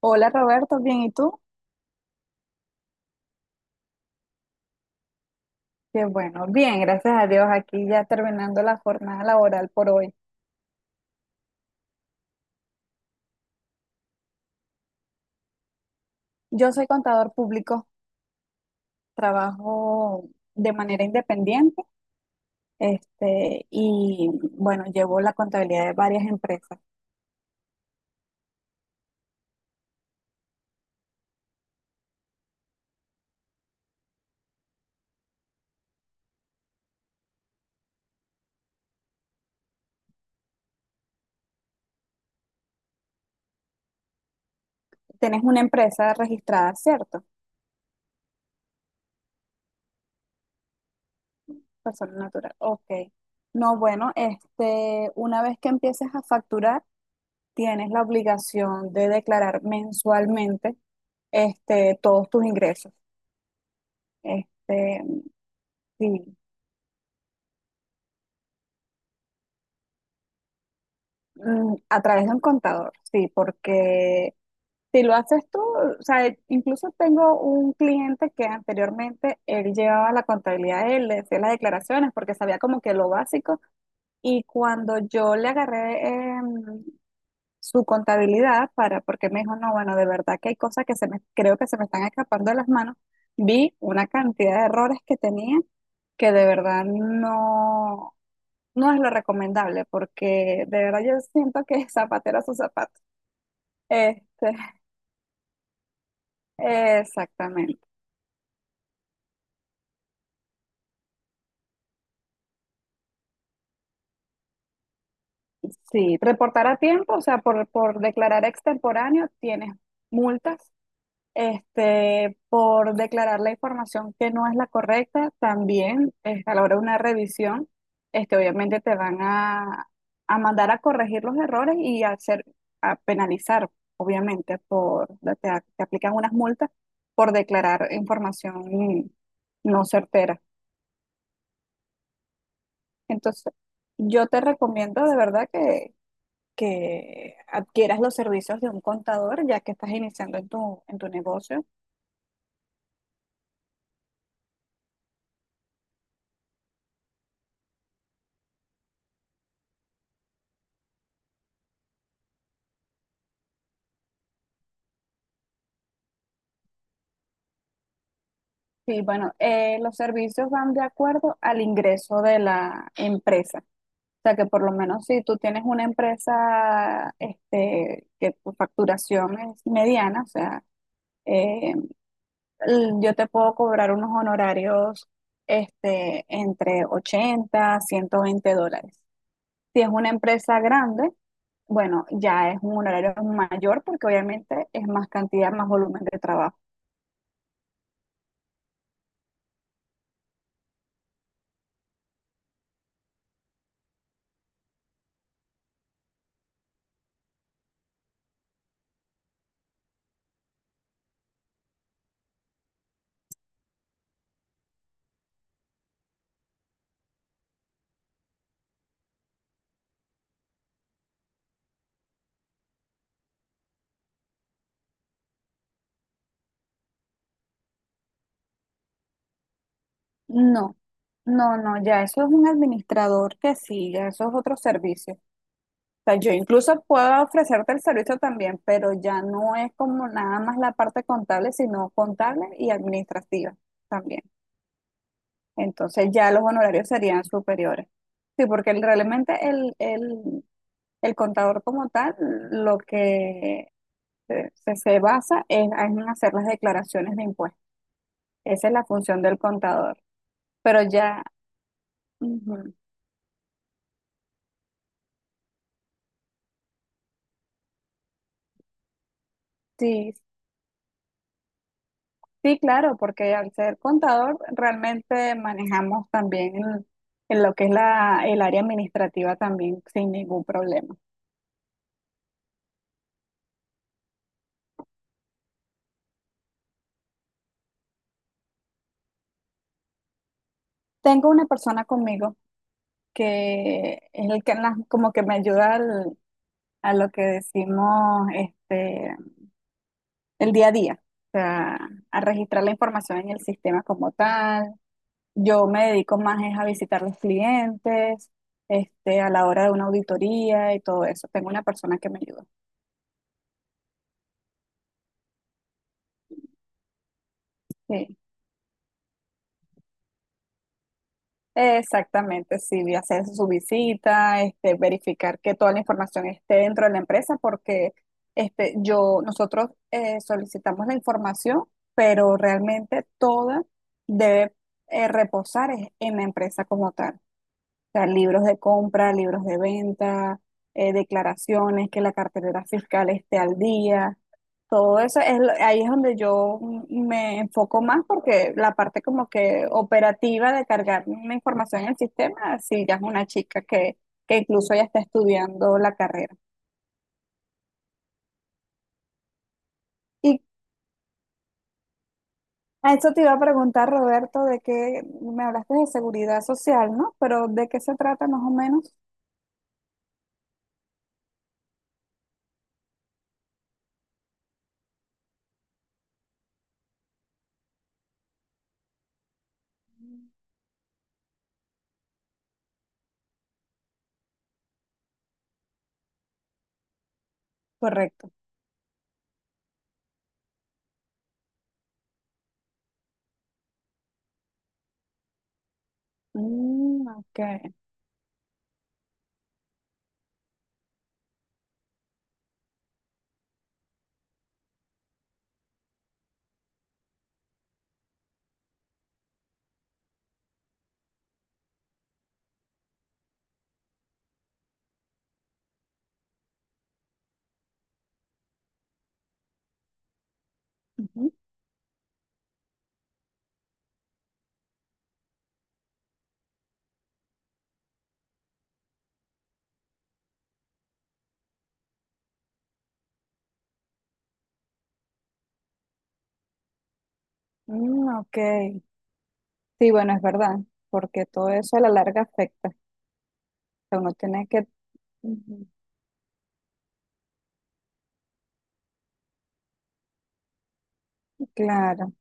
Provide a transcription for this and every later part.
Hola Roberto, bien, ¿y tú? Qué bueno, bien, gracias a Dios, aquí ya terminando la jornada laboral por hoy. Yo soy contador público, trabajo de manera independiente, y bueno, llevo la contabilidad de varias empresas. Tenés una empresa registrada, ¿cierto? Persona natural, ok. No, bueno, una vez que empieces a facturar, tienes la obligación de declarar mensualmente, todos tus ingresos. Este, sí. A través de un contador, sí, porque si lo haces tú, o sea, incluso tengo un cliente que anteriormente él llevaba la contabilidad, él le hacía las declaraciones porque sabía como que lo básico y cuando yo le agarré su contabilidad para, porque me dijo, no, bueno, de verdad que hay cosas que se me, creo que se me están escapando de las manos, vi una cantidad de errores que tenía que de verdad no, no es lo recomendable porque de verdad yo siento que es zapatero a su zapato. Este, Exactamente. Sí, reportar a tiempo, o sea, por declarar extemporáneo tienes multas por declarar la información que no es la correcta, también a la hora de una revisión, obviamente te van a mandar a corregir los errores y a, hacer, a penalizar, obviamente, te, te aplican unas multas por declarar información no certera. Entonces, yo te recomiendo de verdad que adquieras los servicios de un contador ya que estás iniciando en tu negocio. Sí, bueno, los servicios van de acuerdo al ingreso de la empresa. O sea que por lo menos si tú tienes una empresa que tu facturación es mediana, o sea, eh, yo te puedo cobrar unos honorarios entre $80, $120. Si es una empresa grande, bueno, ya es un honorario mayor porque obviamente es más cantidad, más volumen de trabajo. No, no, no, ya eso es un administrador que sí, ya eso es otro servicio. O sea, yo incluso puedo ofrecerte el servicio también, pero ya no es como nada más la parte contable, sino contable y administrativa también. Entonces ya los honorarios serían superiores. Sí, porque realmente el contador como tal lo que se basa es en hacer las declaraciones de impuestos. Esa es la función del contador. Pero ya. Ujú. Sí, sí, claro, porque al ser contador realmente manejamos también en lo que es el área administrativa también sin ningún problema. Tengo una persona conmigo que es el que como que me ayuda a lo que decimos el día a día, o sea, a registrar la información en el sistema como tal. Yo me dedico más es a visitar los clientes, a la hora de una auditoría y todo eso. Tengo una persona que me ayuda. Sí. Exactamente, sí, de hacer su visita, verificar que toda la información esté dentro de la empresa, porque yo, nosotros solicitamos la información, pero realmente toda debe reposar en la empresa como tal sea, libros de compra, libros de venta, declaraciones, que la cartera fiscal esté al día. Todo eso es, ahí es donde yo me enfoco más porque la parte como que operativa de cargar una información en el sistema, sí, ya es una chica que incluso ya está estudiando la carrera. Y a eso te iba a preguntar, Roberto, de que me hablaste de seguridad social, ¿no? Pero ¿de qué se trata más o menos? Correcto. Mm, ok. Ujú. Mm, ok. Sí, bueno, es verdad, porque todo eso a la larga afecta. O sea, uno tiene que. Ujú. Claro,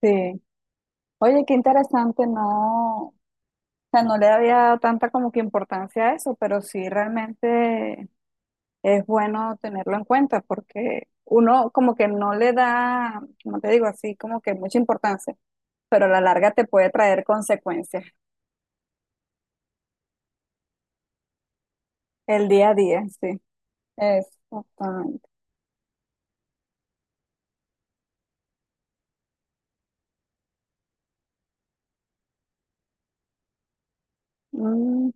sí. Oye, qué interesante, no, o sea, no le había dado tanta como que importancia a eso, pero sí realmente es bueno tenerlo en cuenta, porque uno como que no le da, como te digo, así como que mucha importancia, pero a la larga te puede traer consecuencias el día a día, sí. Exactamente. Mm,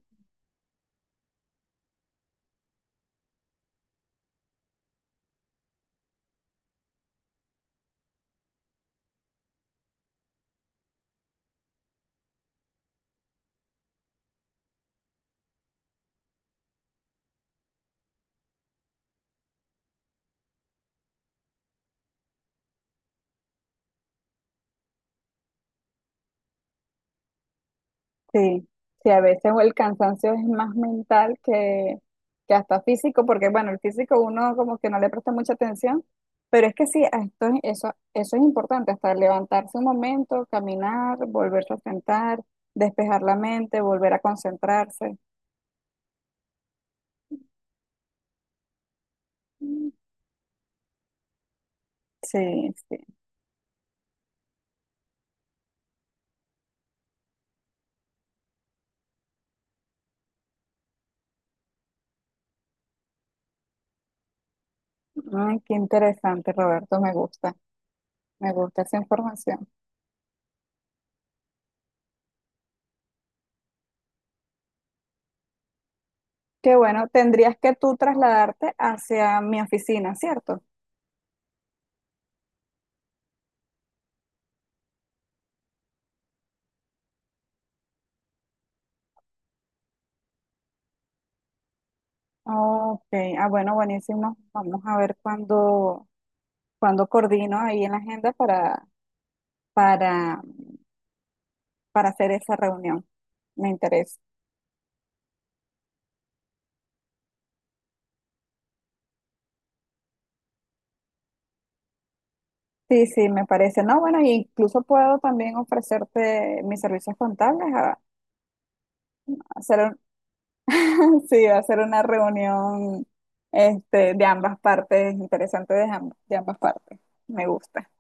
Sí, sí, a veces el cansancio es más mental que hasta físico, porque bueno, el físico uno como que no le presta mucha atención, pero es que sí, a esto, eso es importante, hasta levantarse un momento, caminar, volverse a sentar, despejar la mente, volver a concentrarse. Mm, sí, sí. Ay, qué interesante, Roberto, me gusta esa información. Qué bueno, tendrías que tú trasladarte hacia mi oficina, ¿cierto? Ok, ah, bueno, buenísimo. Vamos a ver cuándo coordino ahí en la agenda para, para hacer esa reunión. Me interesa. Sí, sí, me parece. No, bueno, incluso puedo también ofrecerte mis servicios contables a, hacer un- sí, a hacer una reunión de ambas partes, interesante de ambas partes. Me gusta.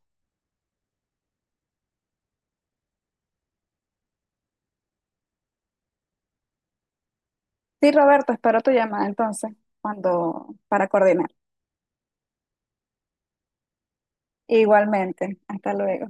Sí, Roberto, espero tu llamada entonces cuando para coordinar. Igualmente, hasta luego.